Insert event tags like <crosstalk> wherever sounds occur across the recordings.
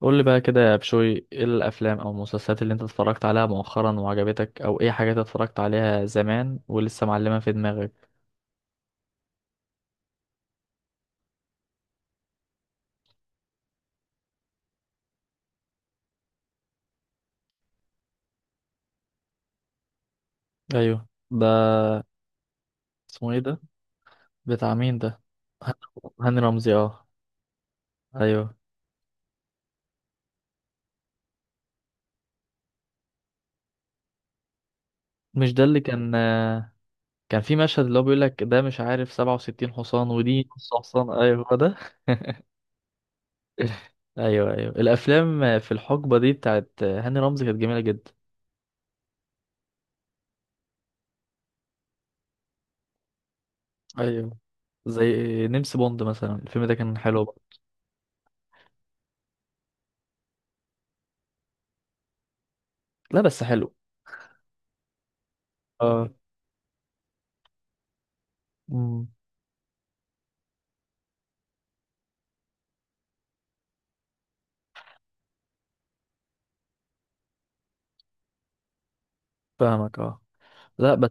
قول لي بقى كده يا بشوي، ايه الافلام او المسلسلات اللي انت اتفرجت عليها مؤخرا وعجبتك، او ايه حاجات اتفرجت عليها زمان ولسه معلمة في دماغك؟ ايوه ده. اسمه ايه ده؟ بتاع مين ده؟ هاني هاني رمزي اه. ايوه. مش ده اللي كان كان في مشهد اللي هو بيقول لك ده مش عارف 67 حصان ودي نص حصان؟ ايوه هو ده. <laughs> ايوه ايوه، الافلام في الحقبة دي بتاعت هاني رمزي كانت جميلة جدا. ايوه، زي نمس بوند مثلا، الفيلم ده كان حلو برضه. لا بس حلو. اه. مم. فاهمك اه. لا بس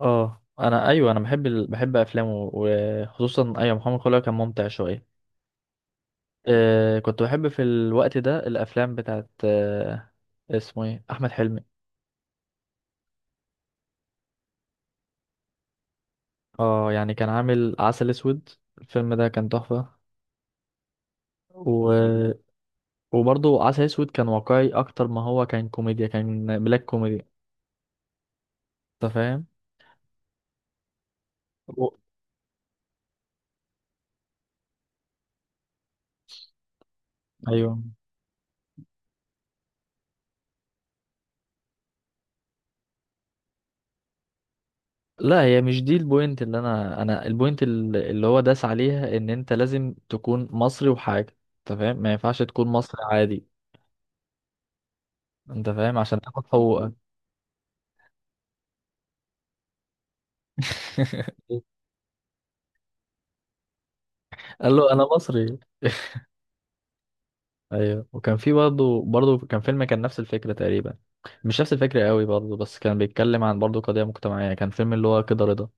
اه، انا بحب بحب افلامه، وخصوصا ايوه محمد خليل كان ممتع شويه. كنت بحب في الوقت ده الافلام بتاعت، اسمه ايه، احمد حلمي. اه يعني كان عامل عسل اسود، الفيلم ده كان تحفه. و... وبرضه عسل اسود كان واقعي اكتر، ما هو كان كوميديا، كان بلاك كوميدي. انت فاهم؟ و... ايوه. لا هي مش دي البوينت، اللي انا البوينت اللي هو داس عليها، ان انت لازم تكون مصري وحاجه، انت فاهم؟ ما ينفعش تكون مصري عادي، انت فاهم، عشان تاخد حقوقك. <laughs> قال له انا مصري. ايوه، وكان في برضه كان فيلم كان نفس الفكره تقريبا، مش نفس الفكره قوي برضه، بس كان بيتكلم عن برضه قضيه مجتمعيه، كان فيلم اللي هو كده رضا.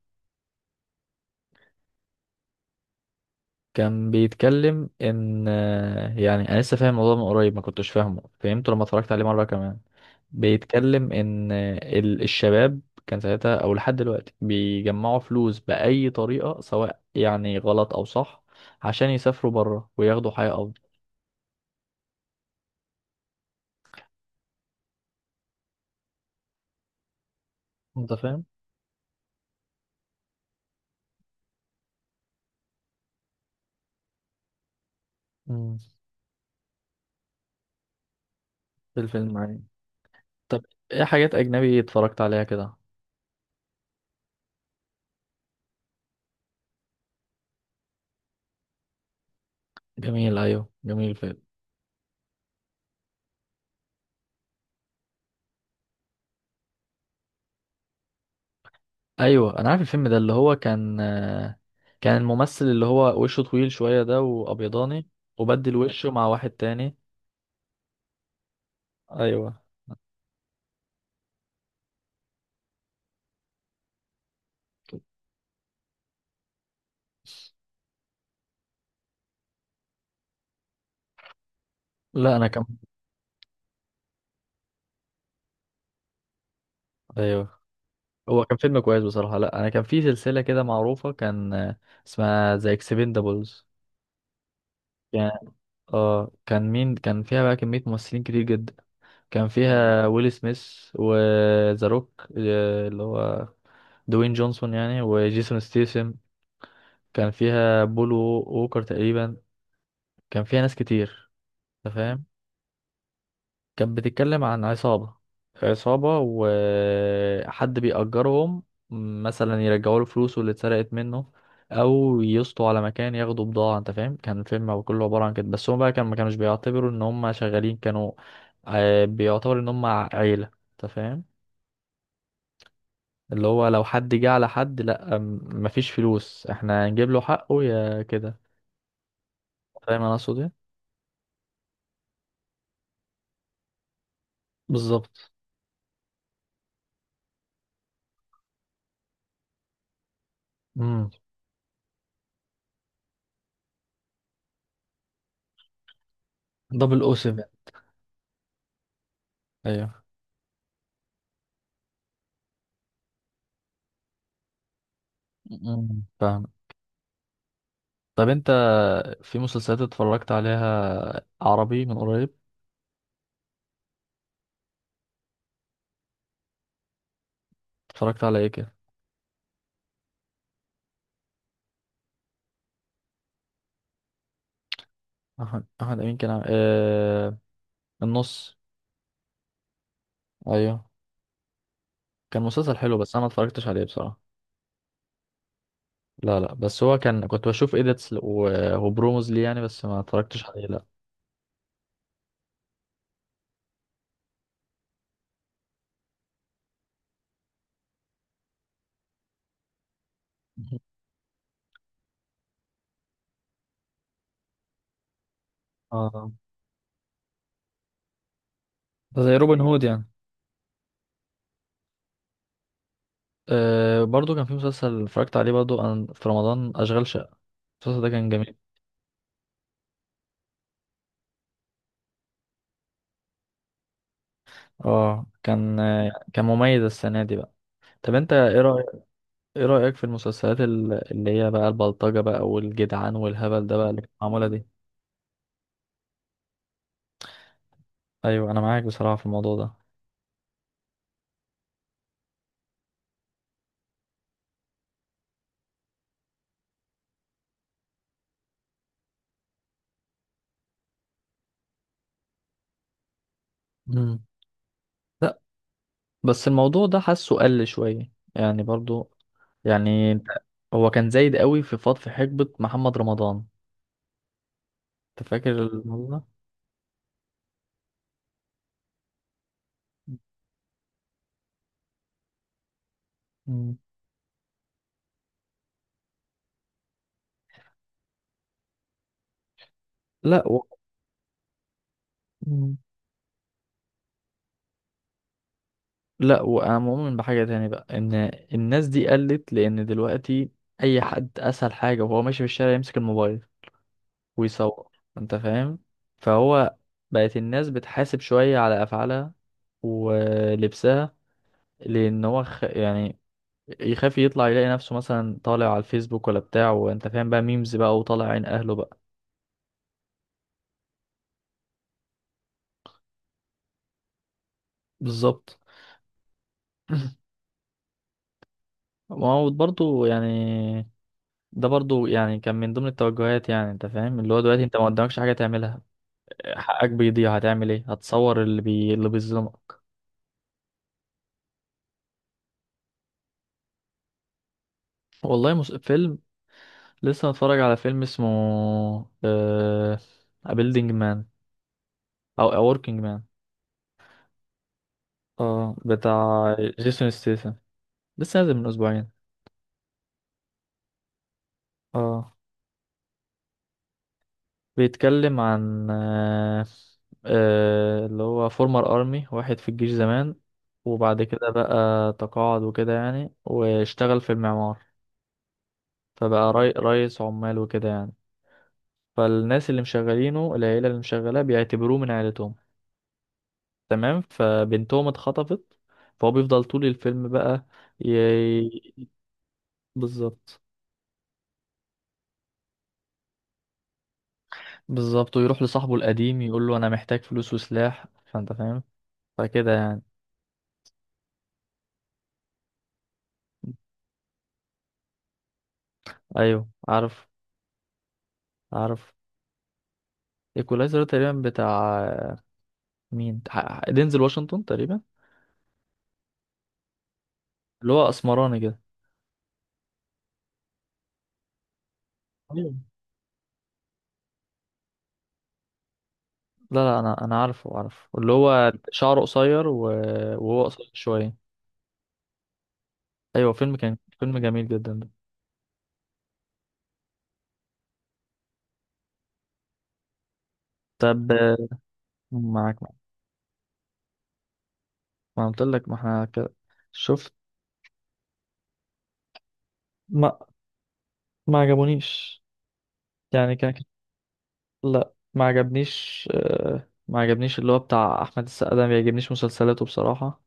كان بيتكلم ان يعني انا لسه فاهم الموضوع من قريب، ما كنتش فاهمه، فهمته لما اتفرجت عليه مره كمان. بيتكلم ان الشباب كان ساعتها او لحد دلوقتي بيجمعوا فلوس باي طريقه، سواء يعني غلط او صح، عشان يسافروا بره وياخدوا حياه افضل. انت فاهم. امم. في الفيلم يعني. طب ايه حاجات اجنبي اتفرجت عليها كده؟ جميل، ايوه جميل فيلم. ايوه انا عارف الفيلم ده، اللي هو كان كان الممثل اللي هو وشه طويل شويه ده وابيضاني، وبدل وشه مع واحد تاني. ايوه. لا انا كان، ايوه هو كان فيلم كويس بصراحه. لا انا كان في سلسله كده معروفه كان آه، اسمها ذا اكسبندبلز. كان اه، كان مين كان فيها بقى؟ كميه ممثلين كتير جدا، كان فيها ويل سميث، وذا روك اللي هو دوين جونسون يعني، وجيسون ستيسم. كان فيها بول ووكر تقريبا. كان فيها ناس كتير، انت فاهم. كانت بتتكلم عن عصابة، عصابة وحد بيأجرهم، مثلا يرجعوا له فلوسه اللي اتسرقت منه، او يسطوا على مكان ياخدوا بضاعة. انت فاهم كان الفيلم كله عبارة عن كده، بس هم بقى كان ما كانوش بيعتبروا ان هم شغالين، كانوا بيعتبروا ان هم عيلة، انت فاهم. اللي هو لو حد جه على حد، لا مفيش فلوس، احنا هنجيب له حقه يا كده. فاهم انا اقصد ايه؟ بالظبط. امم. دبل او 7. ايوه. امم، فاهم. طب انت في مسلسلات اتفرجت عليها عربي من قريب؟ اتفرجت على ايه كده؟ احمد امين كان النص. ايوه، كان مسلسل حلو، بس انا ما اتفرجتش عليه بصراحه. لا لا، بس هو كان كنت بشوف ايديتس وبروموز ليه يعني، بس ما اتفرجتش عليه لا. <laughs> مهم. اه، ده زي روبن هود يعني. أه برضو كان في مسلسل اتفرجت عليه برضو في رمضان، أشغال شقة، المسلسل ده كان جميل. اه كان، كان مميز السنة دي بقى. طب انت ايه رايك، ايه رأيك في المسلسلات اللي هي بقى البلطجة بقى والجدعان والهبل ده بقى اللي كانت معمولة دي؟ ايوه، انا معاك بصراحة في الموضوع ده. مم. لا بس الموضوع ده حاسه قل شوية يعني برضو، يعني انت، هو كان زايد قوي في فض، في حقبة محمد رمضان. انت فاكر الموضوع ده؟ مم. لا مم. لا، وانا مؤمن بحاجة تاني بقى، ان الناس دي قلت، لان دلوقتي اي حد اسهل حاجة وهو ماشي في الشارع يمسك الموبايل ويصور، انت فاهم. فهو بقت الناس بتحاسب شوية على أفعالها ولبسها، لأن هو يعني يخاف يطلع يلاقي نفسه مثلا طالع على الفيسبوك ولا بتاع، وانت فاهم بقى ميمز بقى وطالع عين أهله بقى. بالظبط. <clears throat> ما هو برضه يعني، ده برضه يعني كان من ضمن التوجهات يعني، انت فاهم اللي هو دلوقتي انت ما قدامكش حاجة تعملها، حقك بيضيع هتعمل ايه؟ هتصور اللي بيظلمك. فيلم، لسه هتفرج على فيلم اسمه آه... A Building Man، أو A Working Man. اه، بتاع جيسون ستيسن، لسه نازل من أسبوعين. اه، بيتكلم عن اللي هو فورمر أرمي، واحد في الجيش زمان، وبعد كده بقى تقاعد وكده يعني، واشتغل في المعمار، فبقى رئيس عمال وكده يعني. فالناس اللي مشغلينه، العيلة اللي مشغلاه بيعتبروه من عيلتهم، تمام؟ فبنتهم اتخطفت، فهو بيفضل طول الفيلم بقى ي... بالظبط. بالظبط، ويروح لصاحبه القديم يقول له انا محتاج فلوس وسلاح، فانت فاهم، فكده يعني. ايوه، عارف عارف. ايكولايزر، تقريبا بتاع مين؟ دينزل واشنطن تقريبا، اللي هو اسمراني كده. ايوه. لا لا، انا انا عارفه اللي هو شعره قصير وهو قصير شويه. ايوه، فيلم كان فيلم جميل جدا ده. طب. معاك معاك. ما قلت لك، ما احنا كده شفت. ما ما عجبونيش، يعني كان. لا، ما عجبنيش ما عجبنيش اللي هو بتاع احمد السقا ده، ما بيعجبنيش مسلسلاته بصراحة.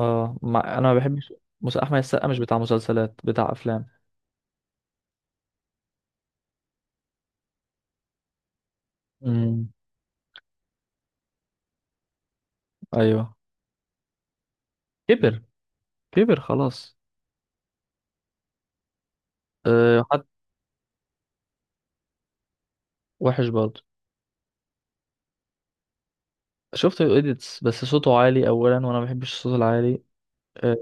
اه ما... انا ما بحبش احمد السقا مش بتاع مسلسلات، بتاع افلام. امم. ايوه. كبر، كبر خلاص. أه. حد وحش برضه. شفت الايديتس، بس صوته عالي اولا وانا ما بحبش الصوت العالي. أه،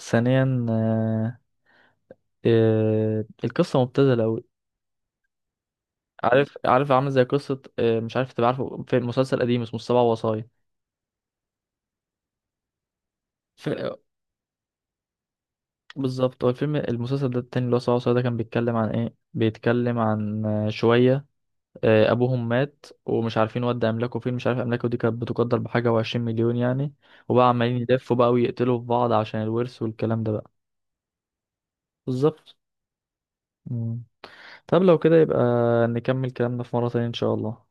ثانيا أه، أه القصه مبتذله قوي. عارف، عارف عامل زي قصه، أه مش عارف تبقى عارفه، في مسلسل قديم اسمه السبع وصايا. بالظبط، هو الفيلم، المسلسل ده التاني اللي هو سبعة وسبعة، ده كان بيتكلم عن ايه؟ بيتكلم عن شوية أبوهم مات، ومش عارفين ودى أملاكه فين، مش عارف أملاكه دي كانت بتقدر بحاجة و20 مليون يعني. وبقى عمالين يلفوا بقى ويقتلوا في بعض عشان الورث والكلام ده بقى. بالظبط. مم. طب لو كده يبقى نكمل كلامنا في مرة تانية إن شاء الله.